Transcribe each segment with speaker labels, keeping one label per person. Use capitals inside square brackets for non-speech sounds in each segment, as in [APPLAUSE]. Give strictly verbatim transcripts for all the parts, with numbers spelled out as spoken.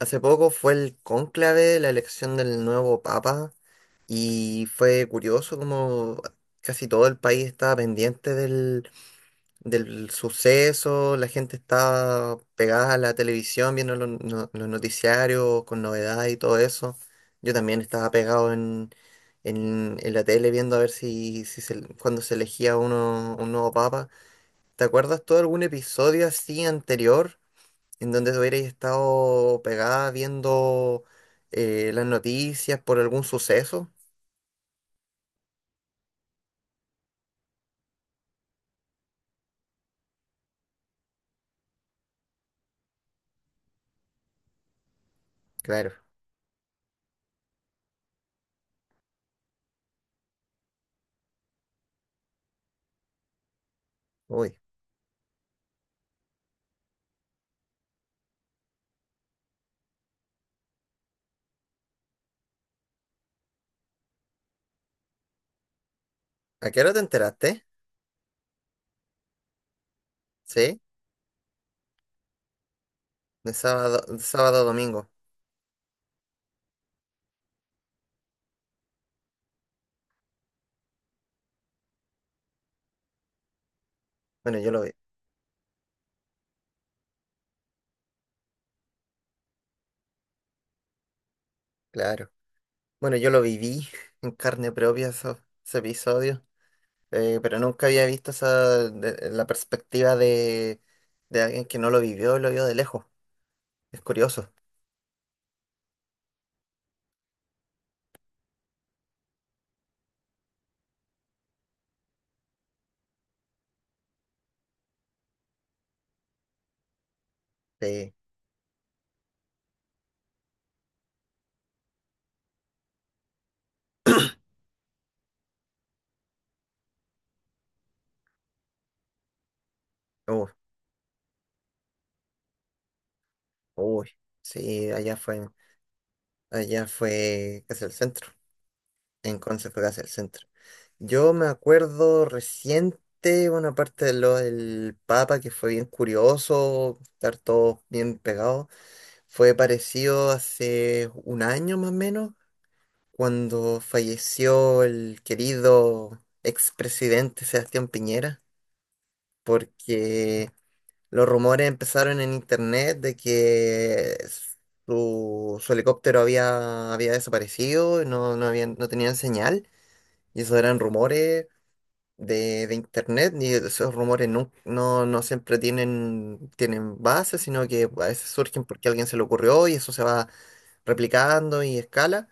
Speaker 1: Hace poco fue el cónclave, la elección del nuevo papa, y fue curioso como casi todo el país estaba pendiente del, del suceso. La gente estaba pegada a la televisión viendo los, no- los noticiarios con novedades y todo eso. Yo también estaba pegado en, en, en la tele viendo a ver si, si se, cuando se elegía uno, un nuevo papa. ¿Te acuerdas tú de algún episodio así anterior, en donde hubierais estado pegada viendo eh, las noticias por algún suceso? Claro, uy. ¿A qué hora te enteraste? ¿Sí? De sábado, de sábado a domingo. Bueno, yo lo vi, claro. Bueno, yo lo viví [LAUGHS] en carne propia eso- ese episodio. Eh, pero nunca había visto esa, de- la perspectiva de, de alguien que no lo vivió, lo vio de lejos. Es curioso. Sí, uy, uy. Sí, allá fue, allá fue casi el centro. En Concepción el centro. Yo me acuerdo reciente, bueno, aparte de lo del Papa, que fue bien curioso, estar todos bien pegados, fue parecido hace un año más o menos, cuando falleció el querido expresidente Sebastián Piñera, porque los rumores empezaron en internet de que su, su helicóptero había, había desaparecido, no, no, habían- no tenían señal. Y esos eran rumores de, de internet, y esos rumores no, no, no siempre tienen, tienen base, sino que a veces surgen porque a alguien se le ocurrió y eso se va replicando y escala.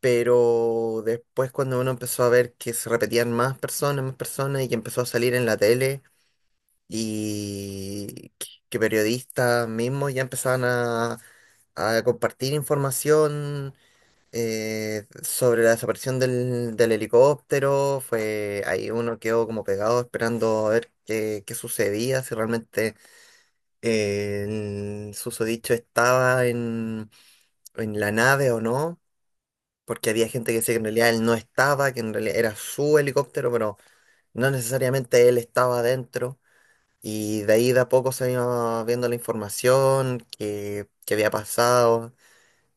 Speaker 1: Pero después cuando uno empezó a ver que se repetían más personas, más personas, y que empezó a salir en la tele, y que que periodistas mismos ya empezaban a, a compartir información eh, sobre la desaparición del, del helicóptero. Fue ahí uno quedó como pegado esperando a ver qué, qué sucedía, si realmente eh, el susodicho estaba en, en la nave o no, porque había gente que decía que en realidad él no estaba, que en realidad era su helicóptero, pero no necesariamente él estaba dentro. Y de ahí de a poco se iba viendo la información que, que había pasado.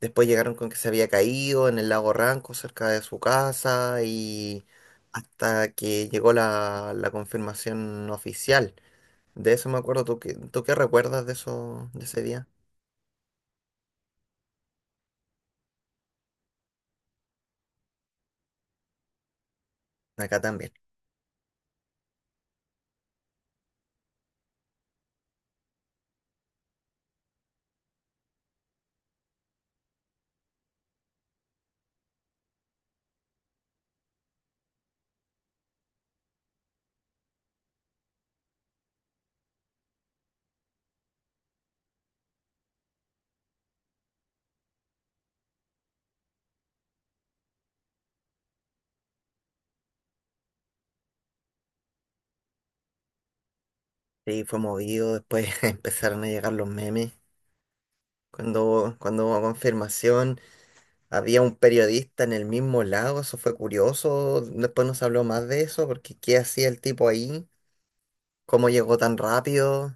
Speaker 1: Después llegaron con que se había caído en el lago Ranco, cerca de su casa, y hasta que llegó la, la confirmación oficial. De eso me acuerdo. ¿Tú qué, tú qué recuerdas de eso, de ese día? Acá también. Sí, fue movido, después [LAUGHS] empezaron a llegar los memes. Cuando, cuando hubo confirmación, había un periodista en el mismo lago. Eso fue curioso. Después no se habló más de eso, porque ¿qué hacía el tipo ahí? ¿Cómo llegó tan rápido?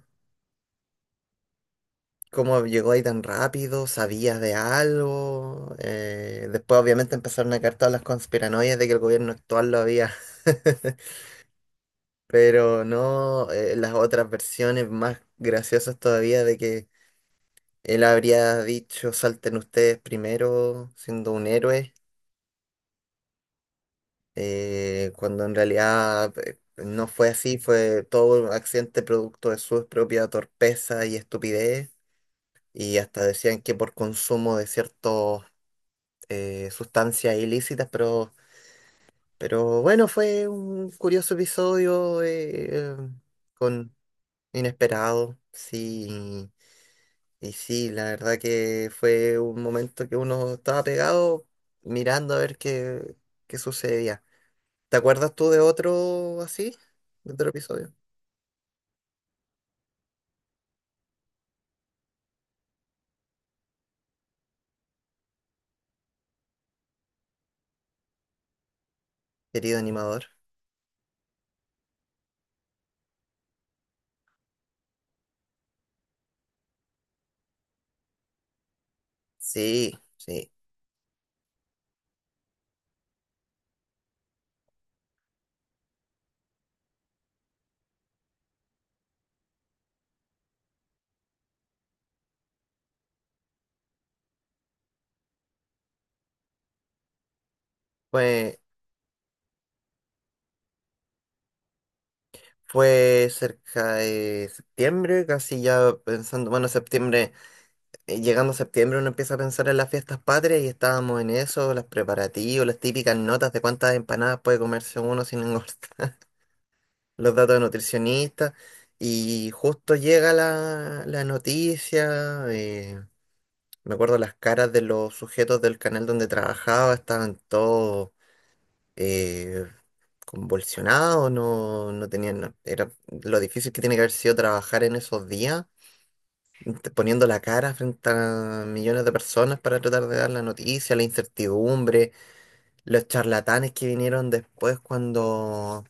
Speaker 1: ¿Cómo llegó ahí tan rápido? ¿Sabías de algo? Eh, después obviamente empezaron a caer todas las conspiranoias de que el gobierno actual lo había. [LAUGHS] Pero no. Eh, las otras versiones más graciosas todavía, de que él habría dicho salten ustedes primero siendo un héroe, eh, cuando en realidad eh, no fue así, fue todo un accidente producto de su propia torpeza y estupidez. Y hasta decían que por consumo de ciertos eh, sustancias ilícitas, pero, pero, bueno, fue un curioso episodio, eh, eh, con inesperado, sí, y sí, la verdad que fue un momento que uno estaba pegado mirando a ver qué, qué sucedía. ¿Te acuerdas tú de otro así? ¿De otro episodio? Querido animador. Sí, sí. Fue, fue cerca de septiembre, casi ya pensando, bueno, septiembre. eh, Llegando a septiembre uno empieza a pensar en las fiestas patrias y estábamos en eso, los preparativos, las típicas notas de cuántas empanadas puede comerse uno sin engordar, [LAUGHS] los datos de nutricionista, y justo llega la, la noticia. Eh, me acuerdo las caras de los sujetos del canal donde trabajaba, estaban todos eh, convulsionados, no, no tenían, era lo difícil que tiene que haber sido trabajar en esos días, int- poniendo la cara frente a millones de personas para tratar de dar la noticia, la incertidumbre, los charlatanes que vinieron después cuando,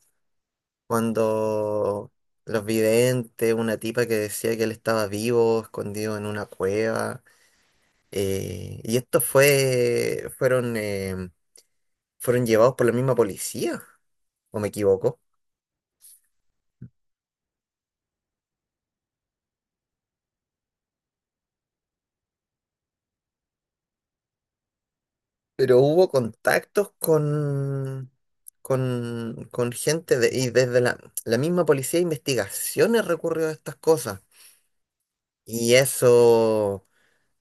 Speaker 1: cuando los videntes, una tipa que decía que él estaba vivo, escondido en una cueva. eh, y estos fue, fueron, eh, fueron llevados por la misma policía, ¿o me equivoco? Pero hubo contactos con, con, con gente de- y desde la, la misma policía de investigaciones recurrió a estas cosas. Y eso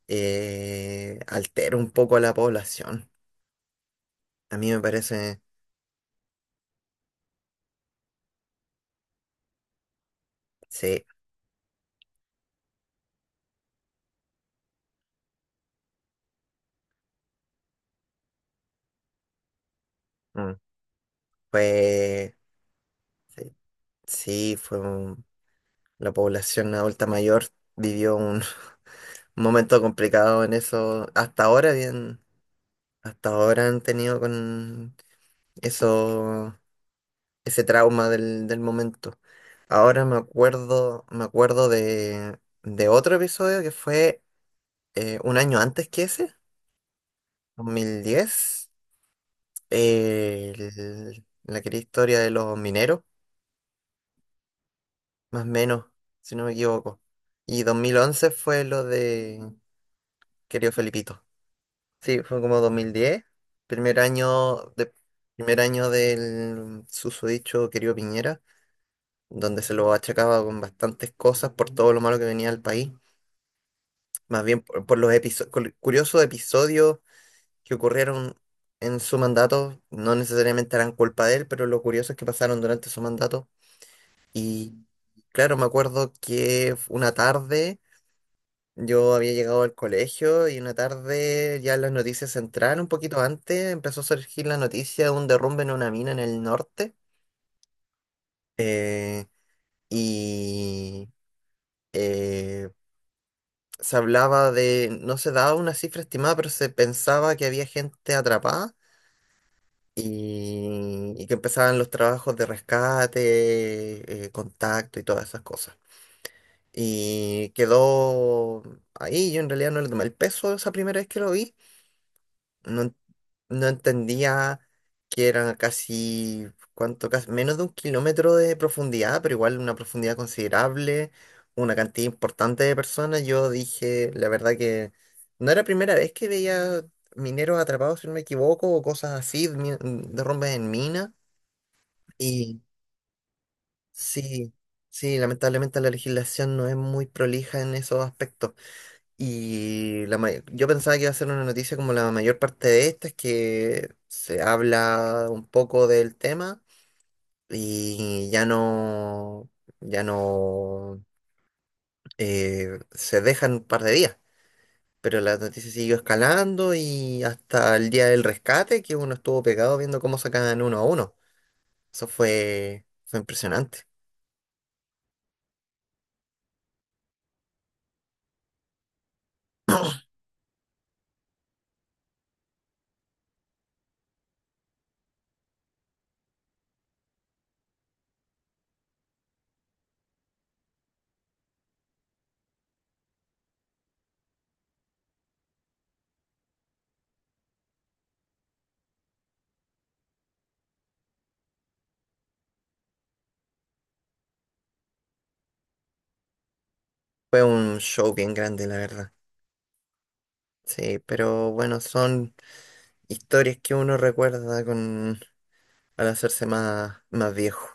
Speaker 1: eh, altera un poco a la población. A mí me parece, sí, mm, fue, sí, sí, fue un- la población adulta mayor vivió un [LAUGHS] momento complicado en eso. Hasta ahora bien, hasta ahora han tenido con eso ese trauma del, del momento. Ahora me acuerdo, me acuerdo de, de otro episodio, que fue eh, un año antes que ese, dos mil diez, eh, el- la querida historia de los mineros, más o menos, si no me equivoco. Y dos mil once fue lo de querido Felipito. Sí, fue como dos mil diez, primer año de, primer año del susodicho querido Piñera, donde se lo achacaba con bastantes cosas por todo lo malo que venía al país. Más bien por, por los episo- cul- curiosos episodios que ocurrieron en su mandato, no necesariamente eran culpa de él, pero lo curioso es que pasaron durante su mandato. Y claro, me acuerdo que una tarde yo había llegado al colegio, y una tarde ya las noticias entraron un poquito antes, empezó a surgir la noticia de un derrumbe en una mina en el norte. eh, y eh, se hablaba de, no se daba una cifra estimada, pero se pensaba que había gente atrapada y, y que empezaban los trabajos de rescate, eh, contacto y todas esas cosas. Y quedó ahí, yo en realidad no le tomé el peso esa primera vez que lo vi. No, en- no entendía que eran casi, cuánto, casi, menos de un kilómetro de profundidad, pero igual una profundidad considerable, una cantidad importante de personas. Yo dije, la verdad que no era primera vez que veía mineros atrapados, si no me equivoco, o cosas así, mi- derrumbes en minas. Y sí, sí, lamentablemente la legislación no es muy prolija en esos aspectos. Y la may- yo pensaba que iba a ser una noticia como la mayor parte de estas, que se habla un poco del tema y ya no, ya no, eh, se dejan un par de días. Pero la noticia siguió escalando, y hasta el día del rescate, que uno estuvo pegado viendo cómo sacaban uno a uno. Eso fue, fue impresionante. Fue un show bien grande, la verdad. Sí, pero bueno, son historias que uno recuerda con, al hacerse más, más viejo.